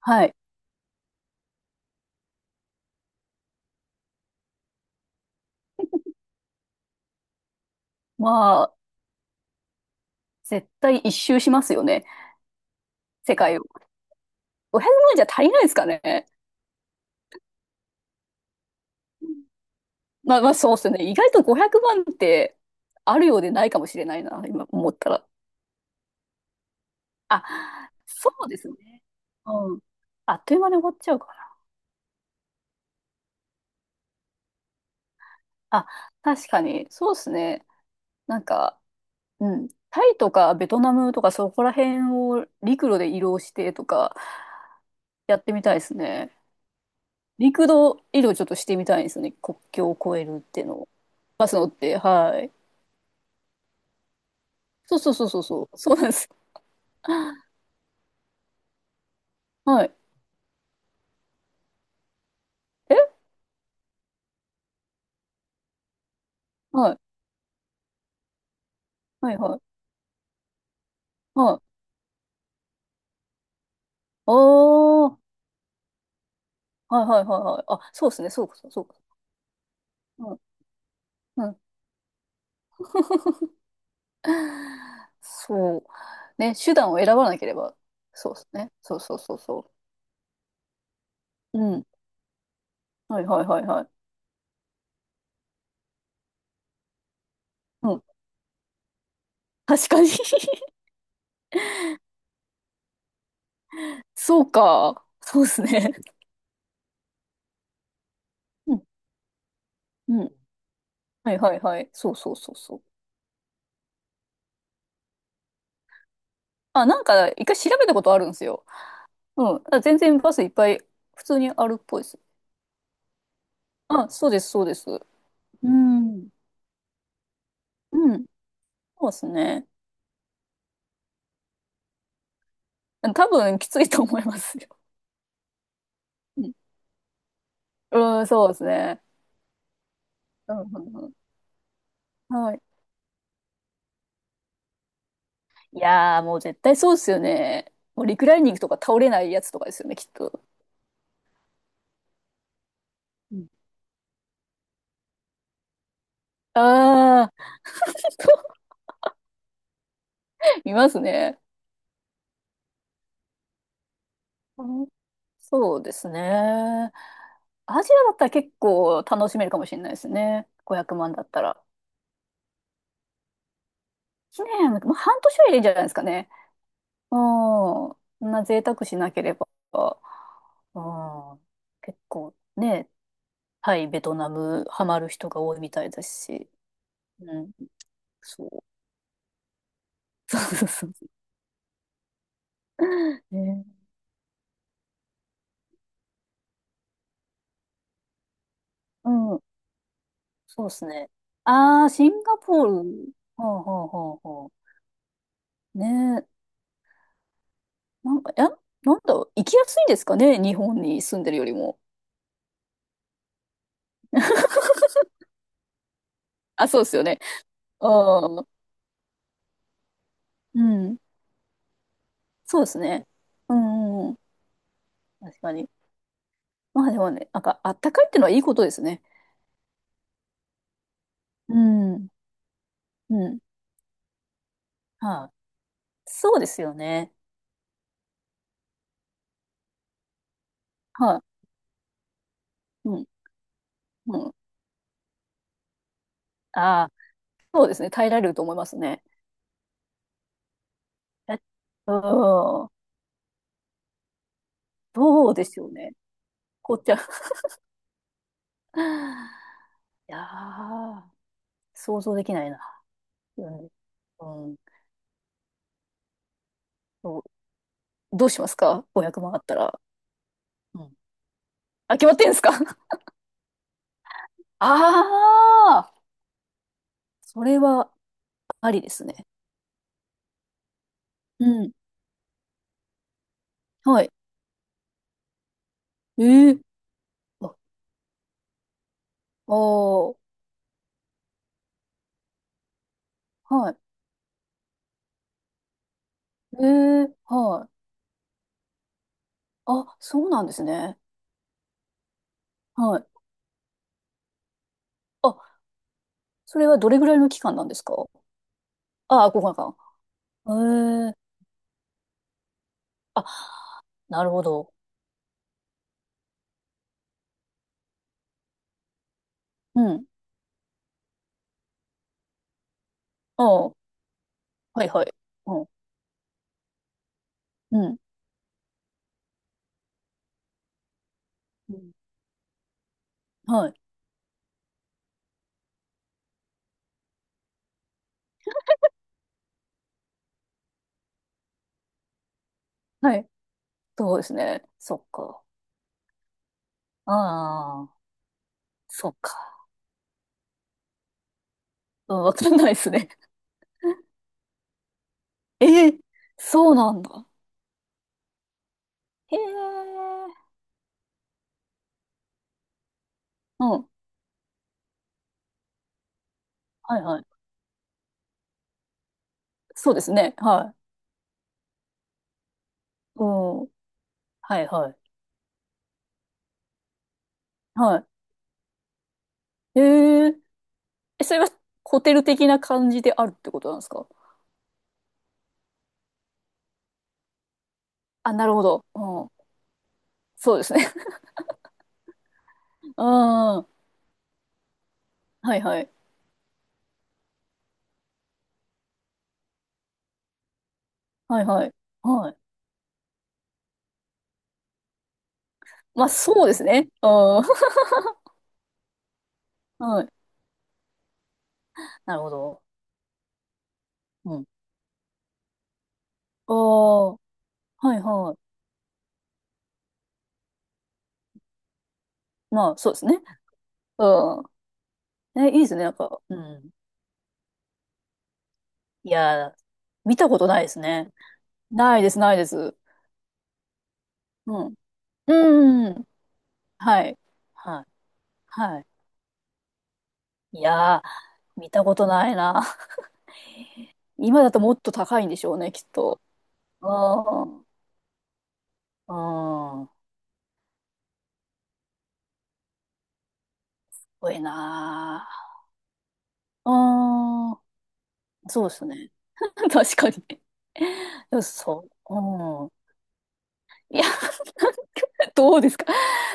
はい。まあ、絶対一周しますよね。世界を。500万じゃ足りないですかね。まあまあ、そうっすね。意外と500万ってあるようでないかもしれないな、今思ったら。あ、そうですね。うん。あっという間に終わっちゃうかな。あ、確かに、そうですね。なんか、うん。タイとかベトナムとかそこら辺を陸路で移動してとかやってみたいですね。陸路移動ちょっとしてみたいですね。国境を越えるっていうのを。バス乗って、はい。そうそうそうそうそう。そうなんです。はい。えはい。はいはい。はい。ああ。はいはいはいはい。あ、そうですね。そうかそうかそうか。うん。うん。そう。ね、手段を選ばなければ。そうですね。そうそうそうそう。うん。はいはいはいはい。うん。確かに。 そうか。そうですね。うん。うん。はいはいはい。そうそうそうそう。あ、一回調べたことあるんですよ。うん。あ、全然バスいっぱい普通にあるっぽいです。あ、そうです、そうです。うん。うん。そうですね。多分きついと思いますよ。うん、うん、そうですね。うん、うん、うん、はい。いやー、もう絶対そうですよね。もうリクライニングとか倒れないやつとかですよね、きっと。うん。ああ。見ますね。うん、そうですね。アジアだったら結構楽しめるかもしれないですね。500万だったら。1年、まあ、半年はいいんじゃないですかね。ああ、そんな贅沢しなければ。ああ、結構ね、タイ、ベトナム、ハマる人が多いみたいだし、うん、そう。そうそうそう。ね、うん、そうですね。ああ、シンガポール。ほうほうほうほう。ねえ、なんか、え、行きやすいんですかね、日本に住んでるよりも。あ、そうですよね。ああ、うん、そうですね。うん、うんうん、確かに。まあでもね、あったかいってのはいいことですね。うん、うん。はい。そうですよね。はい。うん、うん。ああ、そうですね。耐えられると思いますね。え、うん。そうですよね。こっちゃ。いやー、想像できないな。うん。うん。そう、どうしますか？ 500 万あったら。うん。あ、決まってんですか？ ああ、それはありですね。うん。はい。えー、あ、あー、はい。えー、はい。あ、そうなんですね。はい。あ、それはどれぐらいの期間なんですか？ああ、5日間。へえ。あ、なるほど。うん。ああ、はいはい。うん。うん。うん、はい。はい。そうですね。そっか。ああ、そっか。うん、わかんないですね。ええ、そうなんだ。へえ。うん。はいはい。そうですね。はい。うん。はいはい。はい。へえ。え、それはホテル的な感じであるってことなんですか？あ、なるほど。うん。そうですね。うん。はいはい。はいはい。はい。まあそうですね。うん。はい。なるほど。うん。ああ、はいはい。まあそうですね。うん。え、いいですね。うん。いやー、見たことないですね。ないです、ないです。うん。うん、うん、はい。はい。はい。いやー、見たことないな。今だともっと高いんでしょうね、きっと。うん。うん。多いなー。うん。そうですね。確かにね。でもそう。うん。いや、どうですか。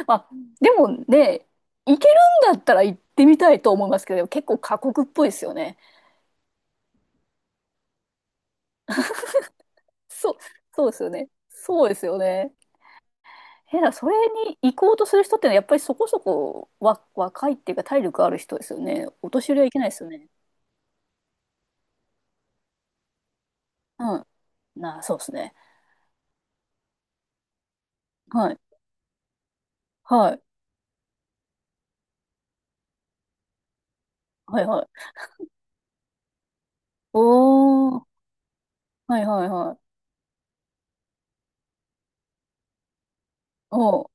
まあ、でもね、行けるんだったら行ってみたいと思いますけど、結構過酷っぽいですよね。そう、そうですよね。そうですよね。えだから、それに行こうとする人ってのは、やっぱりそこそこ若いっていうか、体力ある人ですよね。お年寄りはいけないですよね。うん。なあ、そうですね。はい。はい。はいはい。おー。はいはいはい。おー。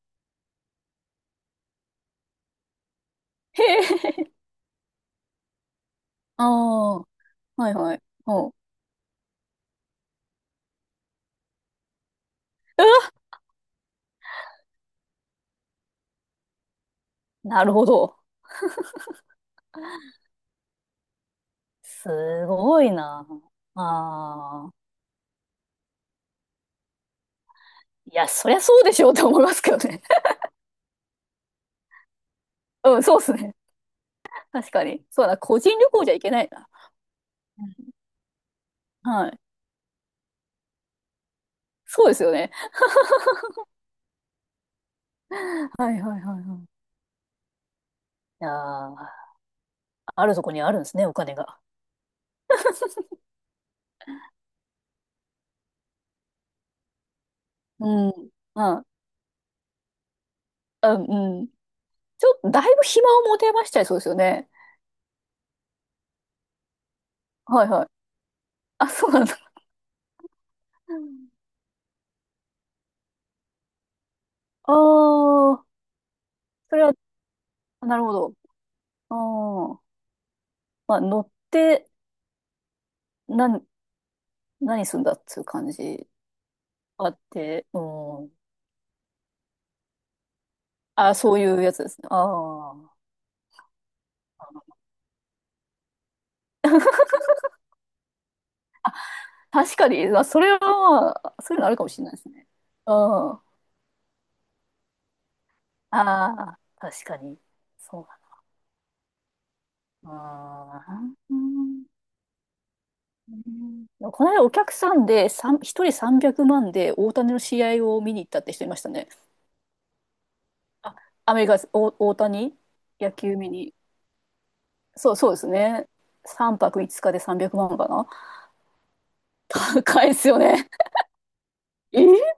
へえ。ああ。はいはい。おう。うわ、なるほど。すごいな。ああ。いや、そりゃそうでしょうって思いますけどね。うん、そうですね。確かに。そうだな、個人旅行じゃいけないな。うん、はい。そうですよね。はいはいはいはい。いやー、あるとこにあるんですね、お金が。うん。あ、あ、うん。ちょっと、だいぶ暇を持てましちゃいそうですよね。はいはい。あ、そうなんだ。うん。ああ、それは、なるほど。ああ。まあ、乗って、なん、何すんだっていう感じあって、うん。あ、そういうやつですね。ああ。確かに、まあ、それは、まあそういうのあるかもしれないですね。うん。ああ、確かに。そうだな。うん。うん、この間お客さんでさん一人300万で大谷の試合を見に行ったって人いましたね。あ、アメリカです、お大谷野球見に。そう、そうですね。3泊5日で300万かな。高いですよね。えー